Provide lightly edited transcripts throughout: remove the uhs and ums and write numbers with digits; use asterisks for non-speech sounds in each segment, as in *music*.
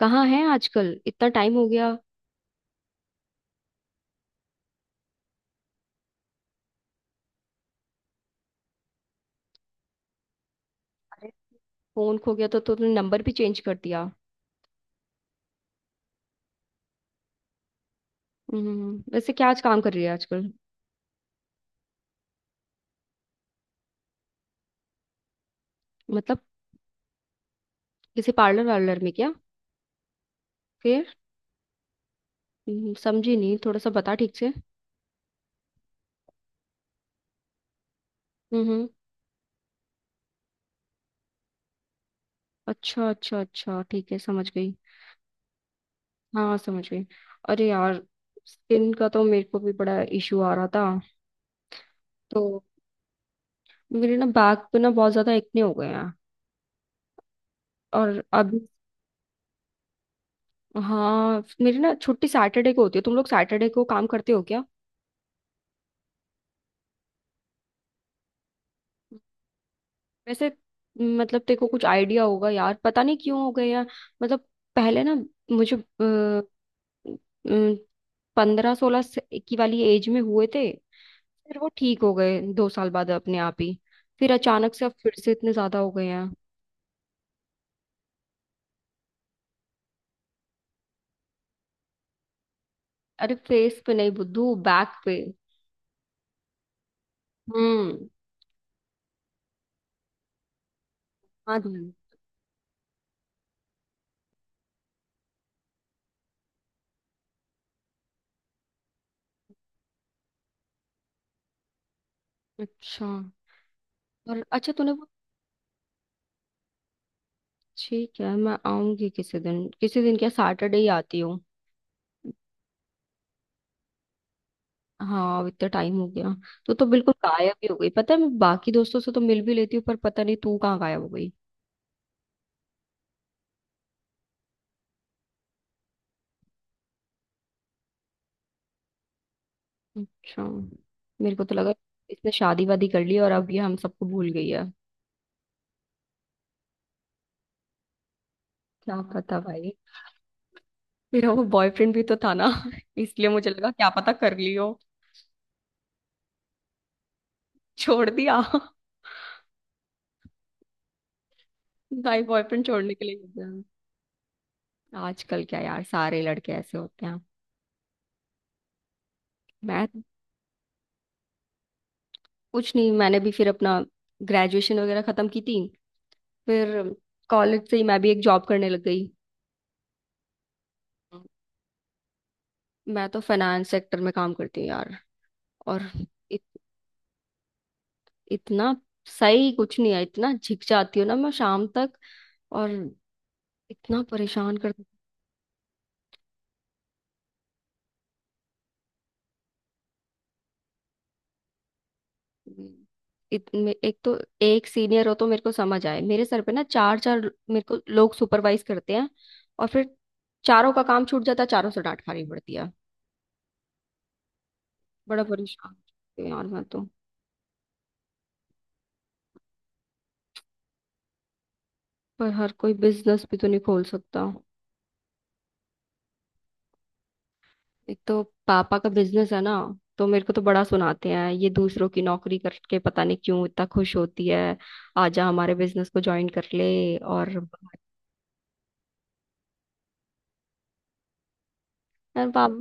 कहाँ है आजकल? इतना टाइम हो गया। अरे, फोन खो गया तो तुमने नंबर भी चेंज कर दिया? हम्म। वैसे क्या आज काम कर रही है आजकल? मतलब, किसी पार्लर वार्लर में क्या? फिर? समझी नहीं, थोड़ा सा बता ठीक से। हम्म। अच्छा अच्छा अच्छा, ठीक है, समझ गई। हाँ, समझ गई। अरे यार, स्किन का तो मेरे को भी बड़ा इशू आ रहा था। तो मेरे ना बैक पे ना बहुत ज्यादा एक्ने हो गए हैं। और अभी, हाँ, मेरी ना छुट्टी सैटरडे को होती है, तुम लोग सैटरडे को काम करते हो क्या? वैसे, मतलब तेरे को कुछ आइडिया होगा यार, पता नहीं क्यों हो गए यार। मतलब, पहले ना मुझे 15-16 की वाली एज में हुए थे। फिर वो ठीक हो गए 2 साल बाद अपने आप ही। फिर अचानक से अब फिर से इतने ज्यादा हो गए हैं। अरे, फेस पे नहीं बुद्धू, बैक पे। हम्म। हाँ ध्यान। अच्छा, और अच्छा तूने वो, ठीक है मैं आऊंगी किसी दिन। किसी दिन क्या, सैटरडे ही आती हूँ। हाँ, अब इतना टाइम हो गया तो बिल्कुल गायब ही हो गई। पता है, मैं बाकी दोस्तों से तो मिल भी लेती हूँ पर पता नहीं तू कहाँ गायब हो गई। अच्छा, मेरे को तो लगा इसने शादी वादी कर ली और अब ये हम सबको भूल गई है। क्या पता भाई, मेरा वो बॉयफ्रेंड भी तो था ना *laughs* इसलिए मुझे लगा क्या पता कर ली हो। छोड़ दिया *laughs* भाई, बॉयफ्रेंड छोड़ने के लिए होते हैं। आजकल क्या यार, सारे लड़के ऐसे होते हैं। मैं, कुछ नहीं, मैंने भी फिर अपना ग्रेजुएशन वगैरह खत्म की थी। फिर कॉलेज से ही मैं भी एक जॉब करने लग गई। मैं तो फाइनेंस सेक्टर में काम करती हूँ यार। और इत, इतना सही कुछ नहीं है, इतना झिक जाती हूँ ना मैं शाम तक। और इतना परेशान कर, एक तो एक सीनियर हो तो मेरे को समझ आए, मेरे सर पे ना चार चार मेरे को लोग सुपरवाइज करते हैं। और फिर चारों का काम छूट जाता है, चारों से डांट खानी पड़ती है। बड़ा परेशान हो जाती हूँ यार मैं तो। पर हर कोई बिजनेस भी तो नहीं खोल सकता। एक तो पापा का बिजनेस है ना, तो मेरे को तो बड़ा सुनाते हैं ये, दूसरों की नौकरी करके पता नहीं क्यों इतना खुश होती है। आजा हमारे बिजनेस को ज्वाइन कर ले। और यार पाप,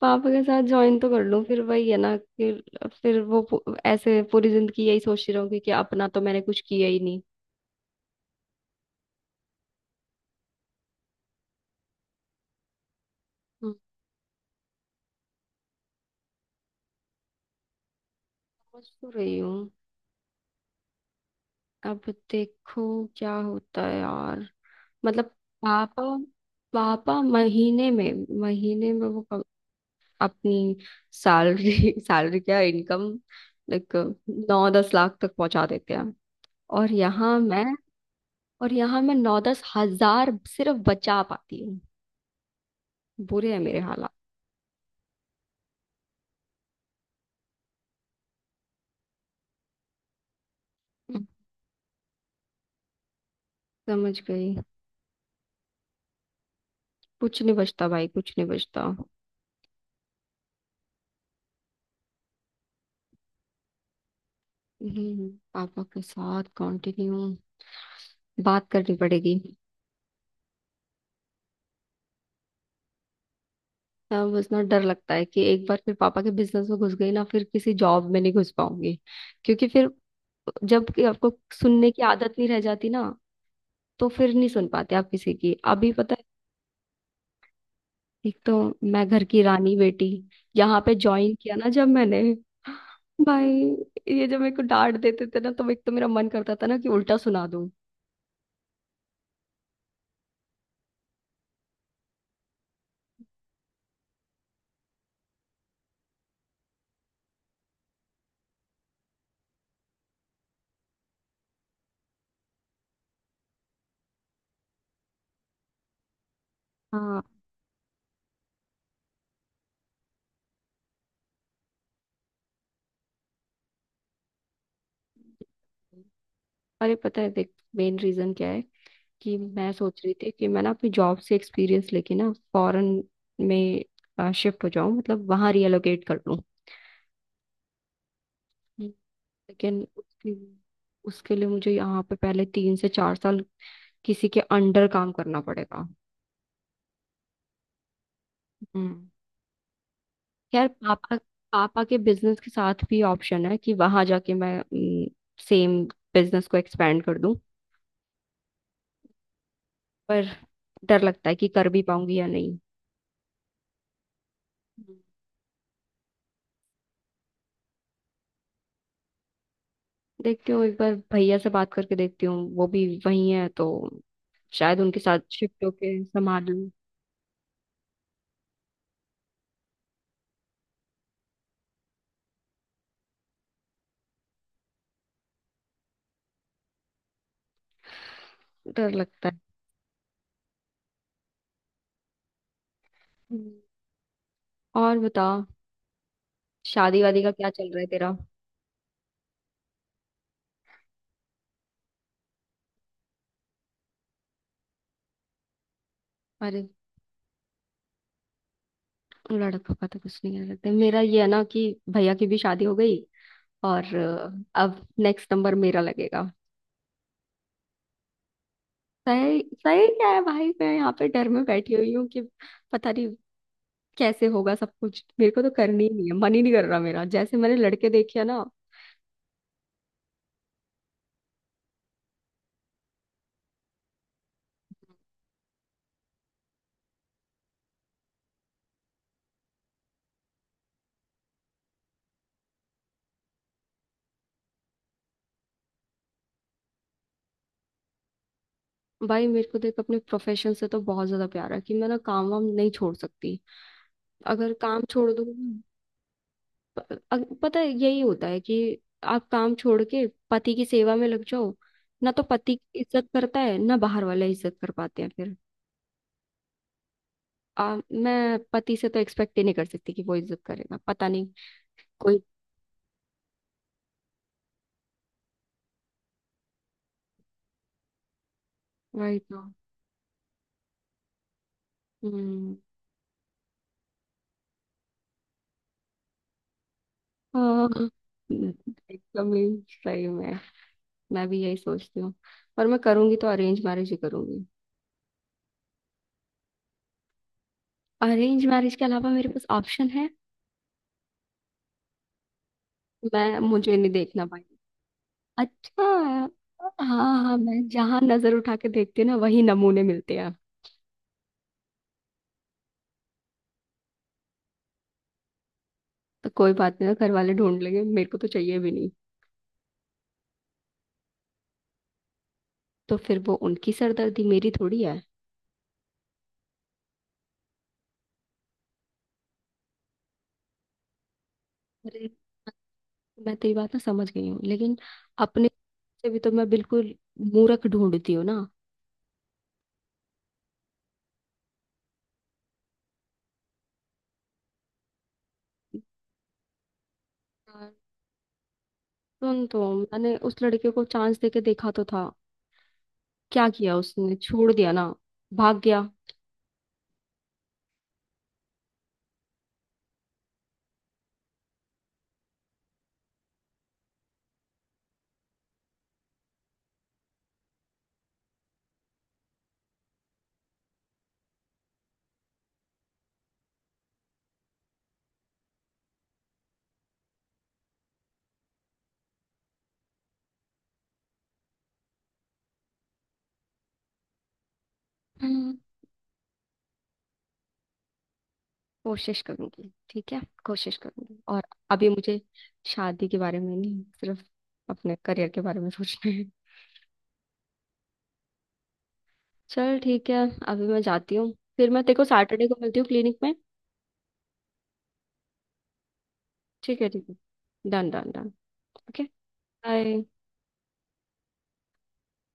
पापा के साथ ज्वाइन तो कर लूं फिर वही है ना कि फिर ऐसे पूरी जिंदगी यही सोचती रहूंगी कि अपना तो मैंने कुछ किया ही नहीं। हम्म, सोच तो रही हूँ। अब देखो क्या होता है यार। मतलब पापा, पापा महीने में वो अपनी सैलरी, सैलरी *laughs* क्या इनकम, लाइक 9-10 लाख तक पहुंचा देते हैं। और यहाँ मैं, और यहाँ मैं 9-10 हजार सिर्फ बचा पाती हूँ। बुरे हैं मेरे हालात। हम्म, समझ गई। कुछ नहीं बचता भाई, कुछ नहीं बचता। पापा के साथ कंटिन्यू, बात करनी पड़ेगी। अब उतना डर लगता है कि एक बार फिर पापा के बिजनेस में घुस गई ना फिर किसी जॉब में नहीं घुस पाऊंगी। क्योंकि फिर जब कि आपको सुनने की आदत नहीं रह जाती ना तो फिर नहीं सुन पाते आप किसी की। अभी पता है, एक तो मैं घर की रानी बेटी, यहाँ पे ज्वाइन किया ना जब मैंने, भाई, ये जब मेरे को डांट देते थे ना तो एक तो मेरा मन करता था ना कि उल्टा सुना दूं। हाँ, अरे पता है, देख मेन रीजन क्या है कि मैं सोच रही थी कि मैं ना अपनी जॉब से एक्सपीरियंस लेके ना फॉरेन में शिफ्ट हो जाऊं, मतलब वहां रीएलोकेट कर लूं। हम्म। लेकिन उसके उसके लिए मुझे यहाँ पे पहले 3 से 4 साल किसी के अंडर काम करना पड़ेगा। हम्म। यार पापा पापा के बिजनेस के साथ भी ऑप्शन है कि वहां जाके मैं सेम बिजनेस को एक्सपेंड कर दूं। पर डर लगता है कि कर भी पाऊंगी या नहीं। हम्म। देखती हूँ, एक बार भैया से बात करके देखती हूँ, वो भी वही है तो शायद उनके साथ शिफ्ट होके संभाल लूं। डर लगता है। हम्म। और बता, शादी वादी का क्या चल रहा है तेरा? अरे, लड़कों का तो कुछ नहीं कह सकते, मेरा ये है ना कि भैया की भी शादी हो गई और अब नेक्स्ट नंबर मेरा लगेगा। सही सही क्या है भाई, मैं यहाँ पे डर में बैठी हुई हूँ कि पता नहीं कैसे होगा सब कुछ। मेरे को तो करनी ही नहीं है, मन ही नहीं कर रहा मेरा, जैसे मैंने लड़के देखे हैं ना। भाई मेरे को देख, अपने प्रोफेशन से तो बहुत ज्यादा प्यार है कि मैं ना काम वाम नहीं छोड़ सकती। अगर काम छोड़ दूँ, पता है यही होता है कि आप काम छोड़ के पति की सेवा में लग जाओ ना तो पति इज्जत करता है ना बाहर वाले इज्जत कर पाते हैं फिर। मैं पति से तो एक्सपेक्ट ही नहीं कर सकती कि वो इज्जत करेगा, पता नहीं। कोई, वही तो। हम्म। हाँ, एकदम ही सही में मैं भी यही सोचती हूँ। और मैं करूंगी तो अरेंज मैरिज ही करूंगी। अरेंज मैरिज के अलावा मेरे पास ऑप्शन है? मैं मुझे नहीं देखना भाई। अच्छा हाँ हाँ, मैं जहाँ नजर उठा के देखती हूँ ना वही नमूने मिलते हैं। तो कोई बात नहीं, घर वाले ढूंढ लेंगे, मेरे को तो चाहिए भी नहीं। तो फिर वो उनकी सरदर्दी, मेरी थोड़ी है। मैं तेरी बात ना समझ गई हूँ लेकिन अपने से भी तो मैं बिल्कुल मूर्ख ढूंढती हूँ ना। यार, सुन तो, मैंने उस लड़के को चांस देके देखा तो था, क्या किया उसने, छोड़ दिया ना, भाग गया। हम्म, कोशिश करूंगी, ठीक है, कोशिश करूंगी। और अभी मुझे शादी के बारे में नहीं, सिर्फ अपने करियर के बारे में सोचना है। चल ठीक है, अभी मैं जाती हूँ, फिर मैं तेरे को सैटरडे को मिलती हूँ क्लिनिक में। ठीक है ठीक है। Done done done. Okay. Bye.